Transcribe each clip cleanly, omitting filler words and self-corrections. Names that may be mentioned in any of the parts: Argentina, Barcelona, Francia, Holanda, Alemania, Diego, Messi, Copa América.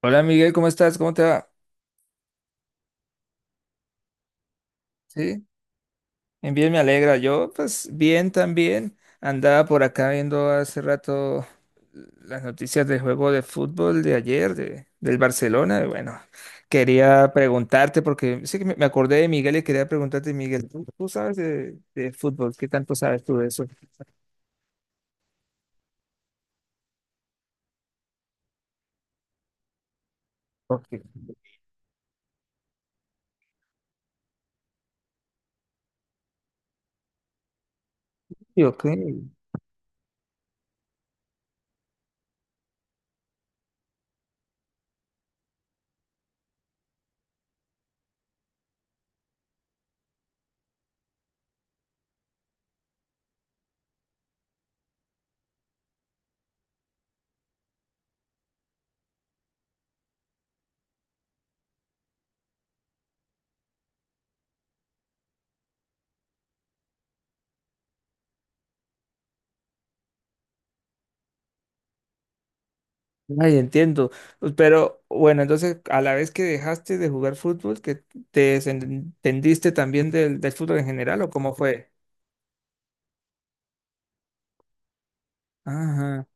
Hola Miguel, ¿cómo estás? ¿Cómo te va? Sí, bien, bien, me alegra. Yo, pues bien también. Andaba por acá viendo hace rato las noticias del juego de fútbol de ayer, del Barcelona. Y bueno, quería preguntarte, porque sí que me acordé de Miguel y quería preguntarte, Miguel, ¿tú sabes de fútbol? ¿Qué tanto sabes tú de eso? Ok. Sí, ok. Ay, entiendo. Pues, pero bueno, entonces a la vez que dejaste de jugar fútbol, que te desentendiste también del fútbol en general, ¿o cómo fue? Ajá.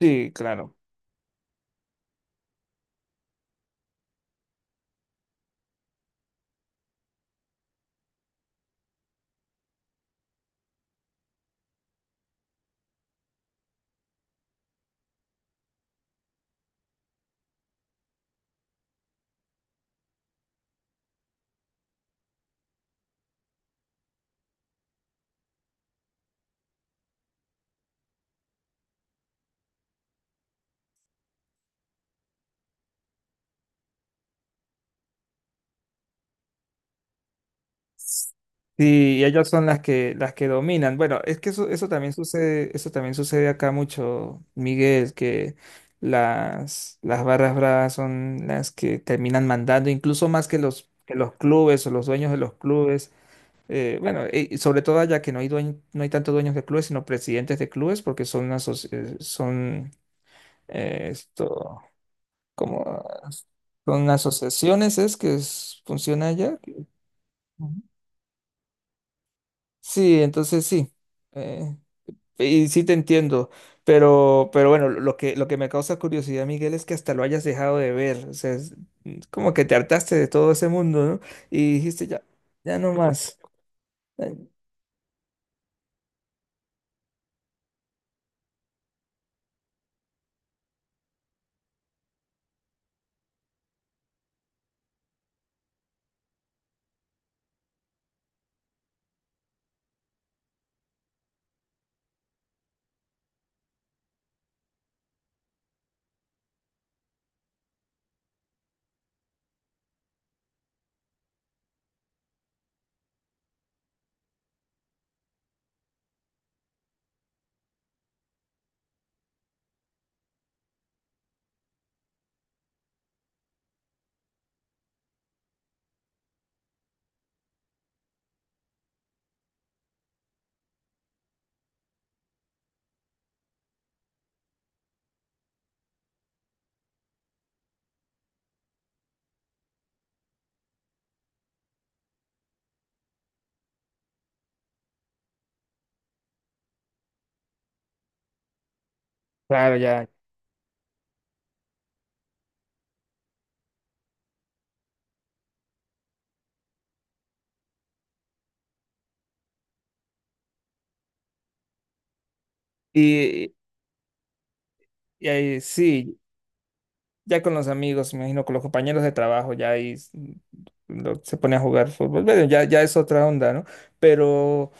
Sí, claro. Sí, y ellas son las que dominan. Bueno, es que eso también sucede, eso también sucede acá mucho, Miguel, que las barras bravas son las que terminan mandando, incluso más que que los clubes o los dueños de los clubes. Bueno, y sobre todo allá que no hay no hay tanto dueños de clubes, sino presidentes de clubes, porque son una son esto como son asociaciones es que funciona allá. Ujú. Sí, entonces sí. eh, y sí te entiendo. Pero bueno, lo que me causa curiosidad, Miguel, es que hasta lo hayas dejado de ver. O sea, es como que te hartaste de todo ese mundo, ¿no? Y dijiste ya, ya no más. Eh, Claro, ya. Y, y ahí sí. Ya con los amigos, me imagino, con los compañeros de trabajo, ya ahí se pone a jugar fútbol. Bueno, ya, ya es otra onda, ¿no? Pero,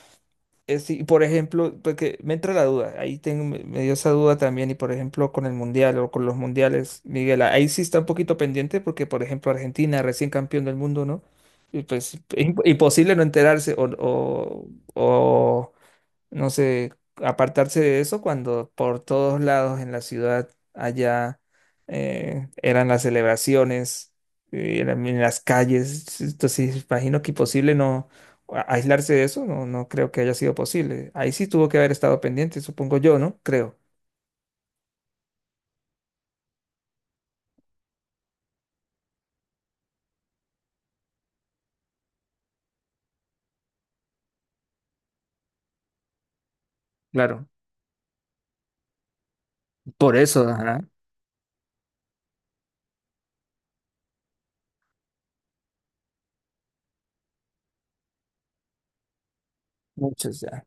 sí, por ejemplo, porque me entra la duda, ahí tengo, me dio esa duda también, y por ejemplo, con el mundial o con los mundiales, Miguel, ahí sí está un poquito pendiente, porque por ejemplo, Argentina, recién campeón del mundo, ¿no? Y pues, es imposible no enterarse o no sé, apartarse de eso cuando por todos lados en la ciudad allá eran las celebraciones, eran en las calles. Entonces, imagino que imposible no aislarse de eso, no creo que haya sido posible. Ahí sí tuvo que haber estado pendiente, supongo yo, ¿no? Creo. Claro, por eso, ajá. Muchos ya.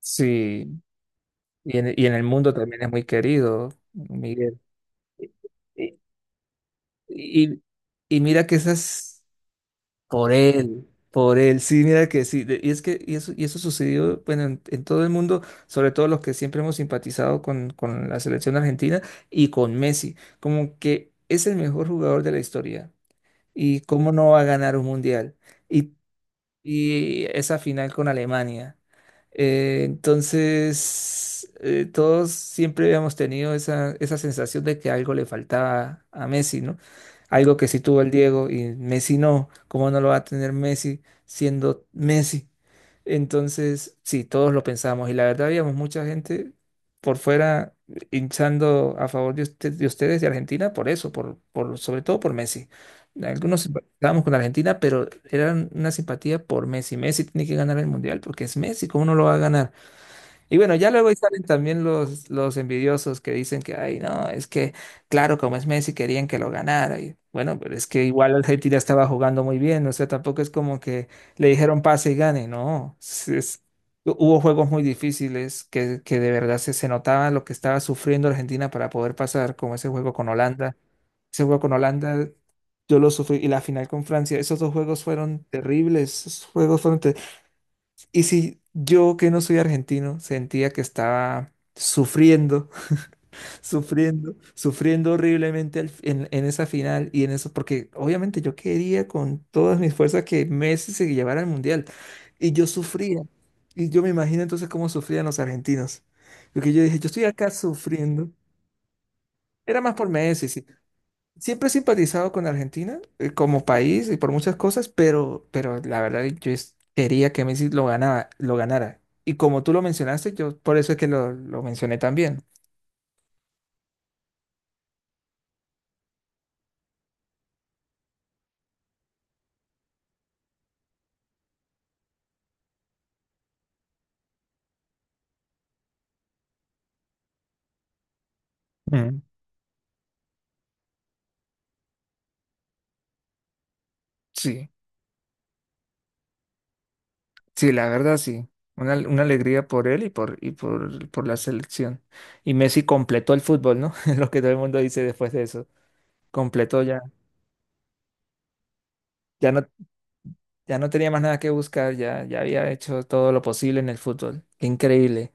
Sí, y en el mundo también es muy querido, Miguel. Y, y- y- y mira que esas... por él, sí, mira que sí, y es que y eso, sucedió, bueno, en todo el mundo, sobre todo los que siempre hemos simpatizado con la selección argentina y con Messi, como que es el mejor jugador de la historia, y cómo no va a ganar un mundial, y y esa final con Alemania. Entonces, todos siempre habíamos tenido esa sensación de que algo le faltaba a Messi, ¿no? Algo que sí tuvo el Diego y Messi no. ¿Cómo no lo va a tener Messi siendo Messi? Entonces, sí, todos lo pensamos y la verdad habíamos mucha gente por fuera hinchando a favor de ustedes de Argentina por eso, sobre todo por Messi. Algunos estábamos con Argentina, pero era una simpatía por Messi. Messi tiene que ganar el Mundial porque es Messi, ¿cómo no lo va a ganar? Y bueno, ya luego ahí salen también los envidiosos que dicen que, ay, no, es que, claro, como es Messi, querían que lo ganara. Y bueno, pero es que igual Argentina estaba jugando muy bien, o sea, tampoco es como que le dijeron pase y gane, no. Hubo juegos muy difíciles que de verdad se notaba lo que estaba sufriendo Argentina para poder pasar, como ese juego con Holanda. Ese juego con Holanda, yo lo sufrí. Y la final con Francia, esos dos juegos fueron terribles. Esos juegos fueron ter- Y si yo, que no soy argentino, sentía que estaba sufriendo, sufriendo, sufriendo horriblemente en esa final y en eso, porque obviamente yo quería con todas mis fuerzas que Messi se llevara al Mundial. Y yo sufría. Y yo me imagino entonces cómo sufrían los argentinos. Porque yo dije, yo estoy acá sufriendo. Era más por Messi, sí, siempre he simpatizado con Argentina como país y por muchas cosas, pero la verdad yo quería que Messi lo ganaba, lo ganara. Y como tú lo mencionaste, yo por eso es que lo mencioné también. Mm. Sí, sí, la verdad sí. Una alegría por él y por la selección. Y Messi completó el fútbol, ¿no? Es lo que todo el mundo dice después de eso. Completó ya. Ya no, ya no, tenía más nada que buscar, ya había hecho todo lo posible en el fútbol. Qué increíble.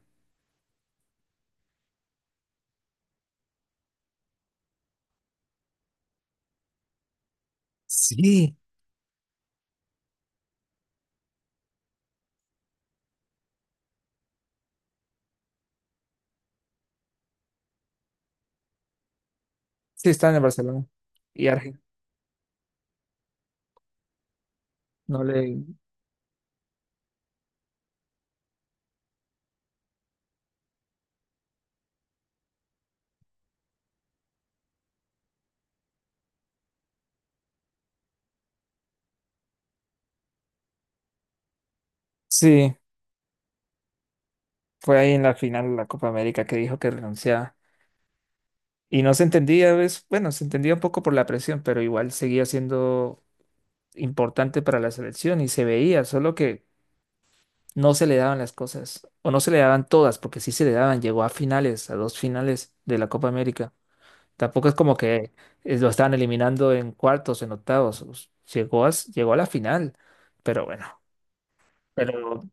Sí. Sí, está en el Barcelona. Y Argentina no le... Sí, fue ahí en la final de la Copa América que dijo que renunciaba. Y no se entendía, ¿ves? Bueno, se entendía un poco por la presión, pero igual seguía siendo importante para la selección y se veía, solo que no se le daban las cosas, o no se le daban todas, porque sí se le daban, llegó a finales, a dos finales de la Copa América. Tampoco es como que lo estaban eliminando en cuartos, en octavos. Llegó a la final. Pero bueno. Pero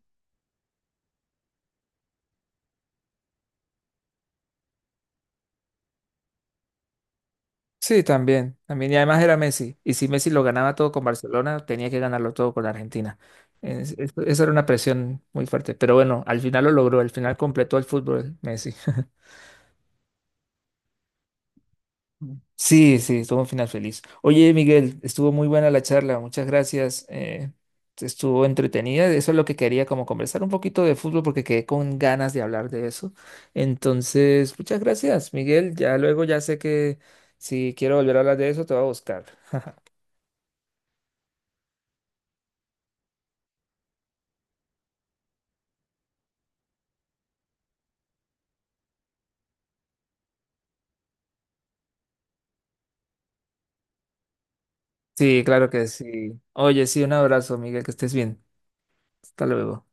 sí, también. También. Y además era Messi. Y si Messi lo ganaba todo con Barcelona, tenía que ganarlo todo con Argentina. Eso era una presión muy fuerte. Pero bueno, al final lo logró. Al final completó el fútbol Messi. Sí, sí, estuvo un final feliz. Oye, Miguel, estuvo muy buena la charla, muchas gracias. Estuvo entretenida, eso es lo que quería, como conversar un poquito de fútbol porque quedé con ganas de hablar de eso. Entonces, muchas gracias, Miguel. Ya luego ya sé que si quiero volver a hablar de eso, te voy a buscar. Sí, claro que sí. Oye, sí, un abrazo, Miguel, que estés bien. Hasta luego.